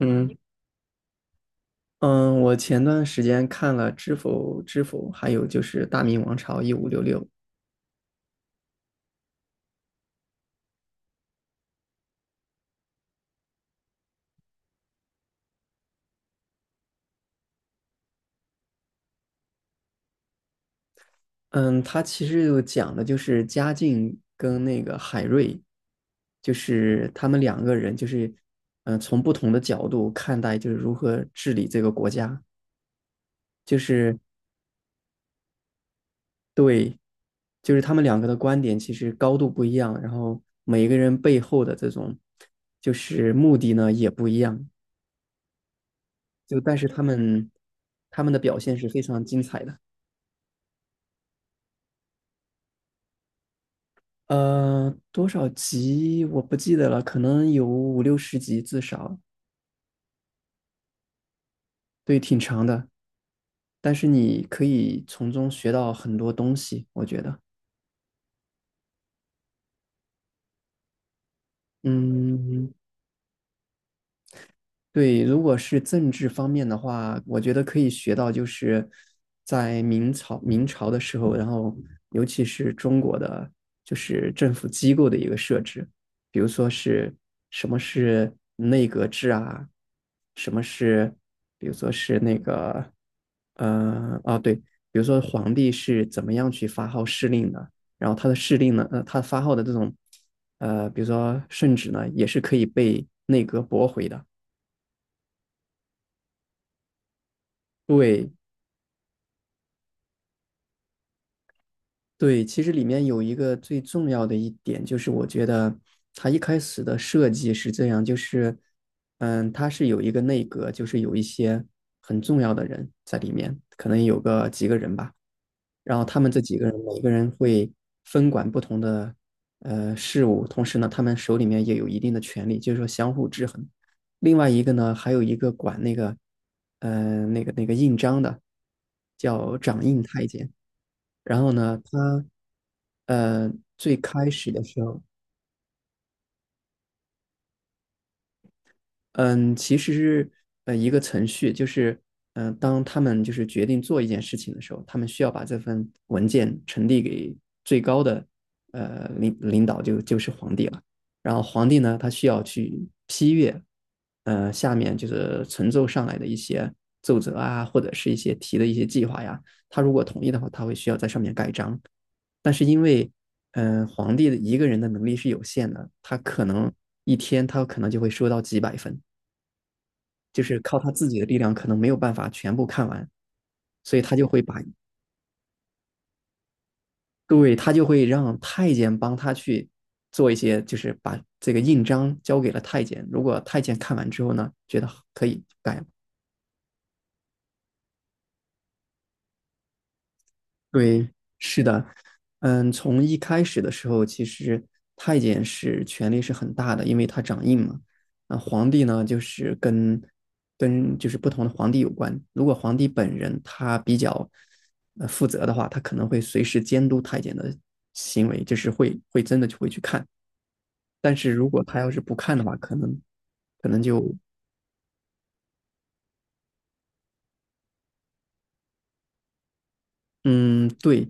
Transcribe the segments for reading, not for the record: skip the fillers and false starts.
嗯嗯，我前段时间看了《知否知否》，还有就是《大明王朝一五六六》。嗯，它其实就讲的就是嘉靖跟那个海瑞，就是他们两个人，就是从不同的角度看待，就是如何治理这个国家，就是对，就是他们两个的观点其实高度不一样，然后每一个人背后的这种就是目的呢也不一样，就但是他们的表现是非常精彩的。多少集我不记得了，可能有五六十集至少，对，挺长的。但是你可以从中学到很多东西，我觉得。嗯，对，如果是政治方面的话，我觉得可以学到，就是在明朝的时候，然后尤其是中国的就是政府机构的一个设置，比如说是什么是内阁制啊，什么是比如说是那个对，比如说皇帝是怎么样去发号施令的，然后他的施令呢，他发号的这种比如说圣旨呢，也是可以被内阁驳回的。对对，其实里面有一个最重要的一点，就是我觉得它一开始的设计是这样，就是它是有一个内阁，就是有一些很重要的人在里面，可能有个几个人吧，然后他们这几个人每个人会分管不同的事务，同时呢，他们手里面也有一定的权利，就是说相互制衡。另外一个呢，还有一个管那个那个印章的，叫掌印太监。然后呢，他呃最开始的时候，嗯，其实是一个程序，就是当他们就是决定做一件事情的时候，他们需要把这份文件呈递给最高的领导就，就是皇帝了。然后皇帝呢，他需要去批阅，下面就是呈奏上来的一些奏折啊，或者是一些提的一些计划呀。他如果同意的话，他会需要在上面盖章。但是因为，皇帝的一个人的能力是有限的，他可能一天他可能就会收到几百份，就是靠他自己的力量可能没有办法全部看完，所以他就会把，对，他就会让太监帮他去做一些，就是把这个印章交给了太监。如果太监看完之后呢，觉得可以改，对，是的。嗯，从一开始的时候，其实太监是权力是很大的，因为他掌印嘛。那皇帝呢，就是跟就是不同的皇帝有关。如果皇帝本人他比较负责的话，他可能会随时监督太监的行为，就是会真的就会去看。但是如果他要是不看的话，可能就嗯，对，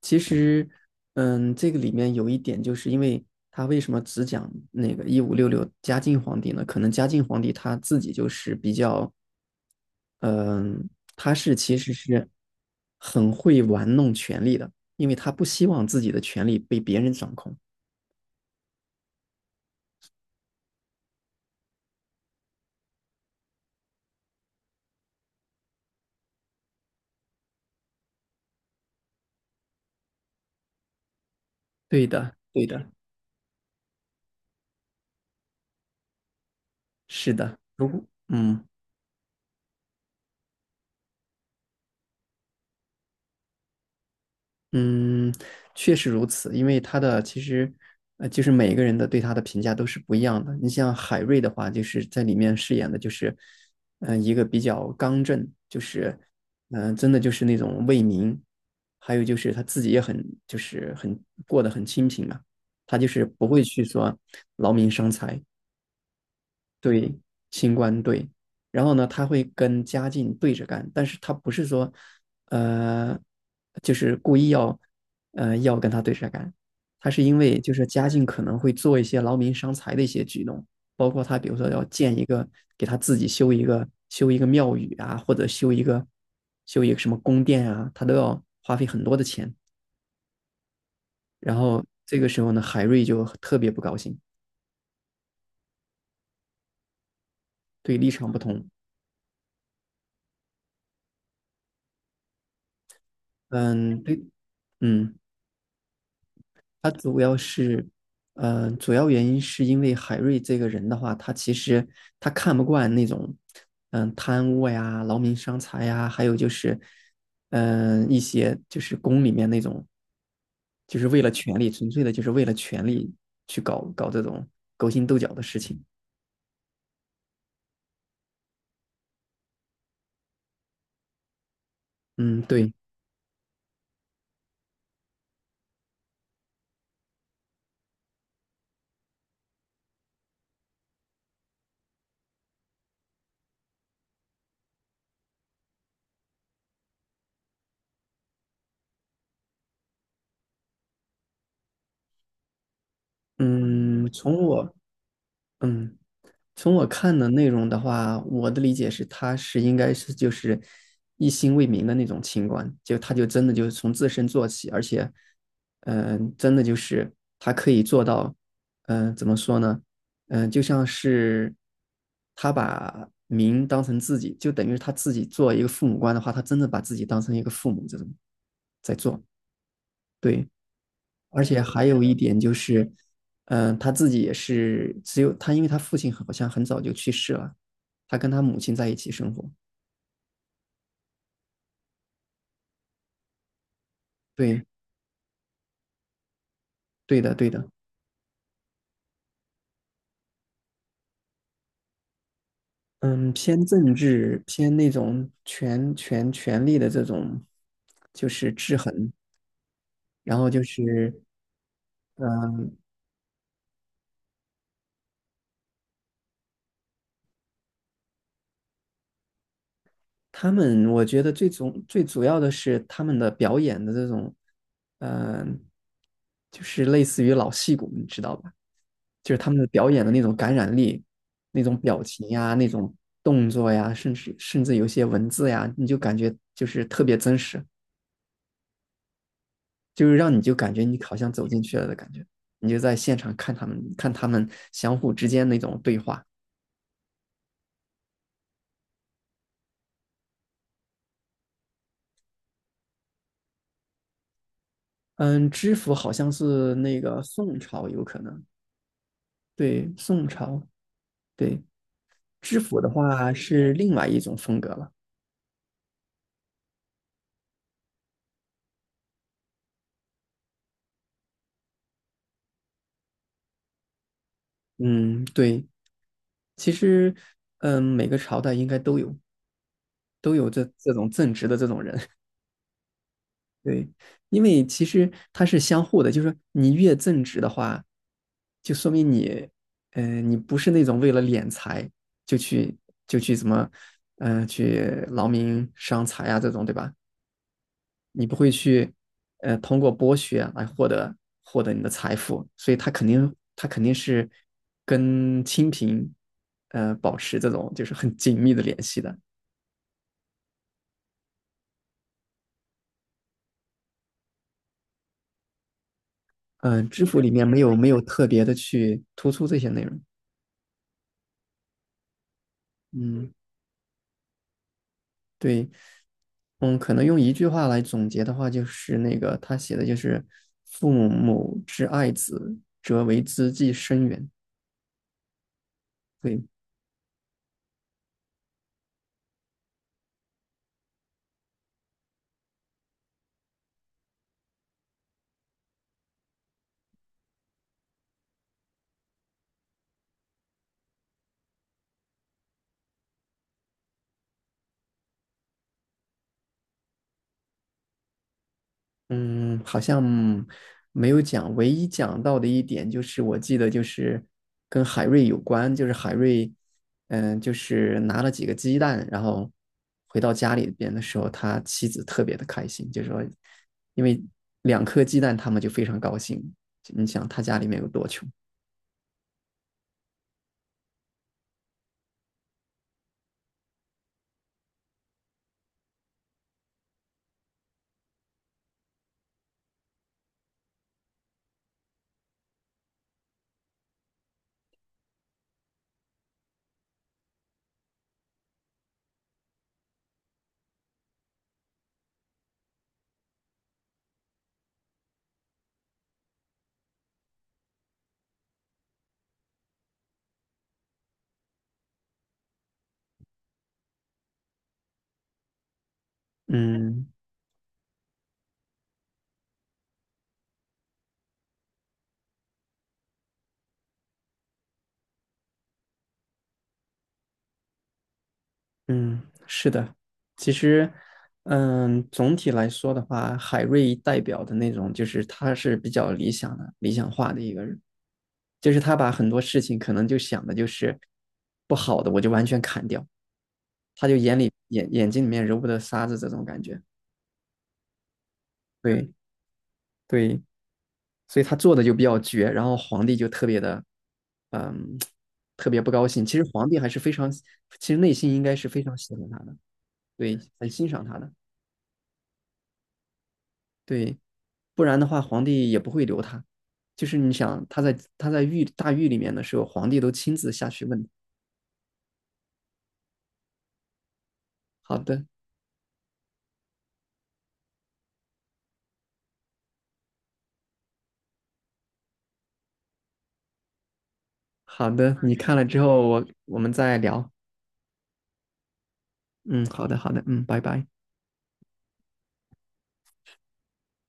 其实，这个里面有一点，就是因为他为什么只讲那个一五六六嘉靖皇帝呢？可能嘉靖皇帝他自己就是比较，嗯，他是其实是很会玩弄权力的，因为他不希望自己的权力被别人掌控。对的，对的，是的。如果，嗯。嗯，确实如此，因为他的其实，就是每个人的对他的评价都是不一样的。你像海瑞的话，就是在里面饰演的就是，一个比较刚正，就是，真的就是那种为民，还有就是他自己也很就是很过得很清贫嘛，他就是不会去说劳民伤财，对，清官对，然后呢，他会跟嘉靖对着干，但是他不是说，呃，就是故意要，要跟他对着干，他是因为就是嘉靖可能会做一些劳民伤财的一些举动，包括他比如说要建一个，给他自己修一个庙宇啊，或者修一个什么宫殿啊，他都要花费很多的钱，然后这个时候呢，海瑞就特别不高兴，对，立场不同，嗯，对，嗯。他主要是，主要原因是因为海瑞这个人的话，他其实他看不惯那种，贪污呀、劳民伤财呀，还有就是，一些就是宫里面那种，就是为了权力，纯粹的就是为了权力去搞搞这种勾心斗角的事情。嗯，对，嗯，从我，嗯。从我看的内容的话，我的理解是，他是应该是就是一心为民的那种清官，就他就真的就是从自身做起，而且，真的就是他可以做到，怎么说呢？就像是他把民当成自己，就等于他自己做一个父母官的话，他真的把自己当成一个父母这种在做，对。而且还有一点就是，他自己也是只有他，因为他父亲好像很早就去世了，他跟他母亲在一起生活。对，对的，对的。嗯，偏政治，偏那种权力的这种，就是制衡。然后就是，嗯、他们我觉得最主要的是他们的表演的这种，嗯、就是类似于老戏骨，你知道吧？就是他们的表演的那种感染力，那种表情呀，那种动作呀，甚至有些文字呀，你就感觉就是特别真实，就是让你就感觉你好像走进去了的感觉，你就在现场看他们相互之间那种对话。嗯，知府好像是那个宋朝，有可能，对，宋朝，对，知府的话是另外一种风格了。嗯，对，其实，每个朝代应该都有这种正直的这种人。对，因为其实它是相互的，就是说你越正直的话，就说明你，你不是那种为了敛财就去就去怎么，去劳民伤财啊这种，对吧？你不会去，通过剥削来获得你的财富，所以他肯定是跟清贫，保持这种就是很紧密的联系的。知府里面没有特别的去突出这些内容，嗯。对，嗯，可能用一句话来总结的话，就是那个他写的就是“父母之爱子，则为之计深远”。对，嗯，好像没有讲，唯一讲到的一点就是我记得就是跟海瑞有关，就是海瑞，就是拿了几个鸡蛋，然后回到家里边的时候，他妻子特别的开心，就说因为两颗鸡蛋，他们就非常高兴。你想他家里面有多穷？嗯。嗯，是的，其实，总体来说的话，海瑞代表的那种，就是他是比较理想的、理想化的一个人，就是他把很多事情可能就想的就是不好的，我就完全砍掉，他就眼睛里面揉不得沙子这种感觉，对对，所以他做的就比较绝，然后皇帝就特别的，嗯，特别不高兴。其实皇帝还是非常，其实内心应该是非常喜欢他的，对，很欣赏他的。对，不然的话，皇帝也不会留他。就是你想，他在大狱里面的时候，皇帝都亲自下去问的。好的，好的，你看了之后，我们再聊。嗯，好的，好的，嗯，拜拜。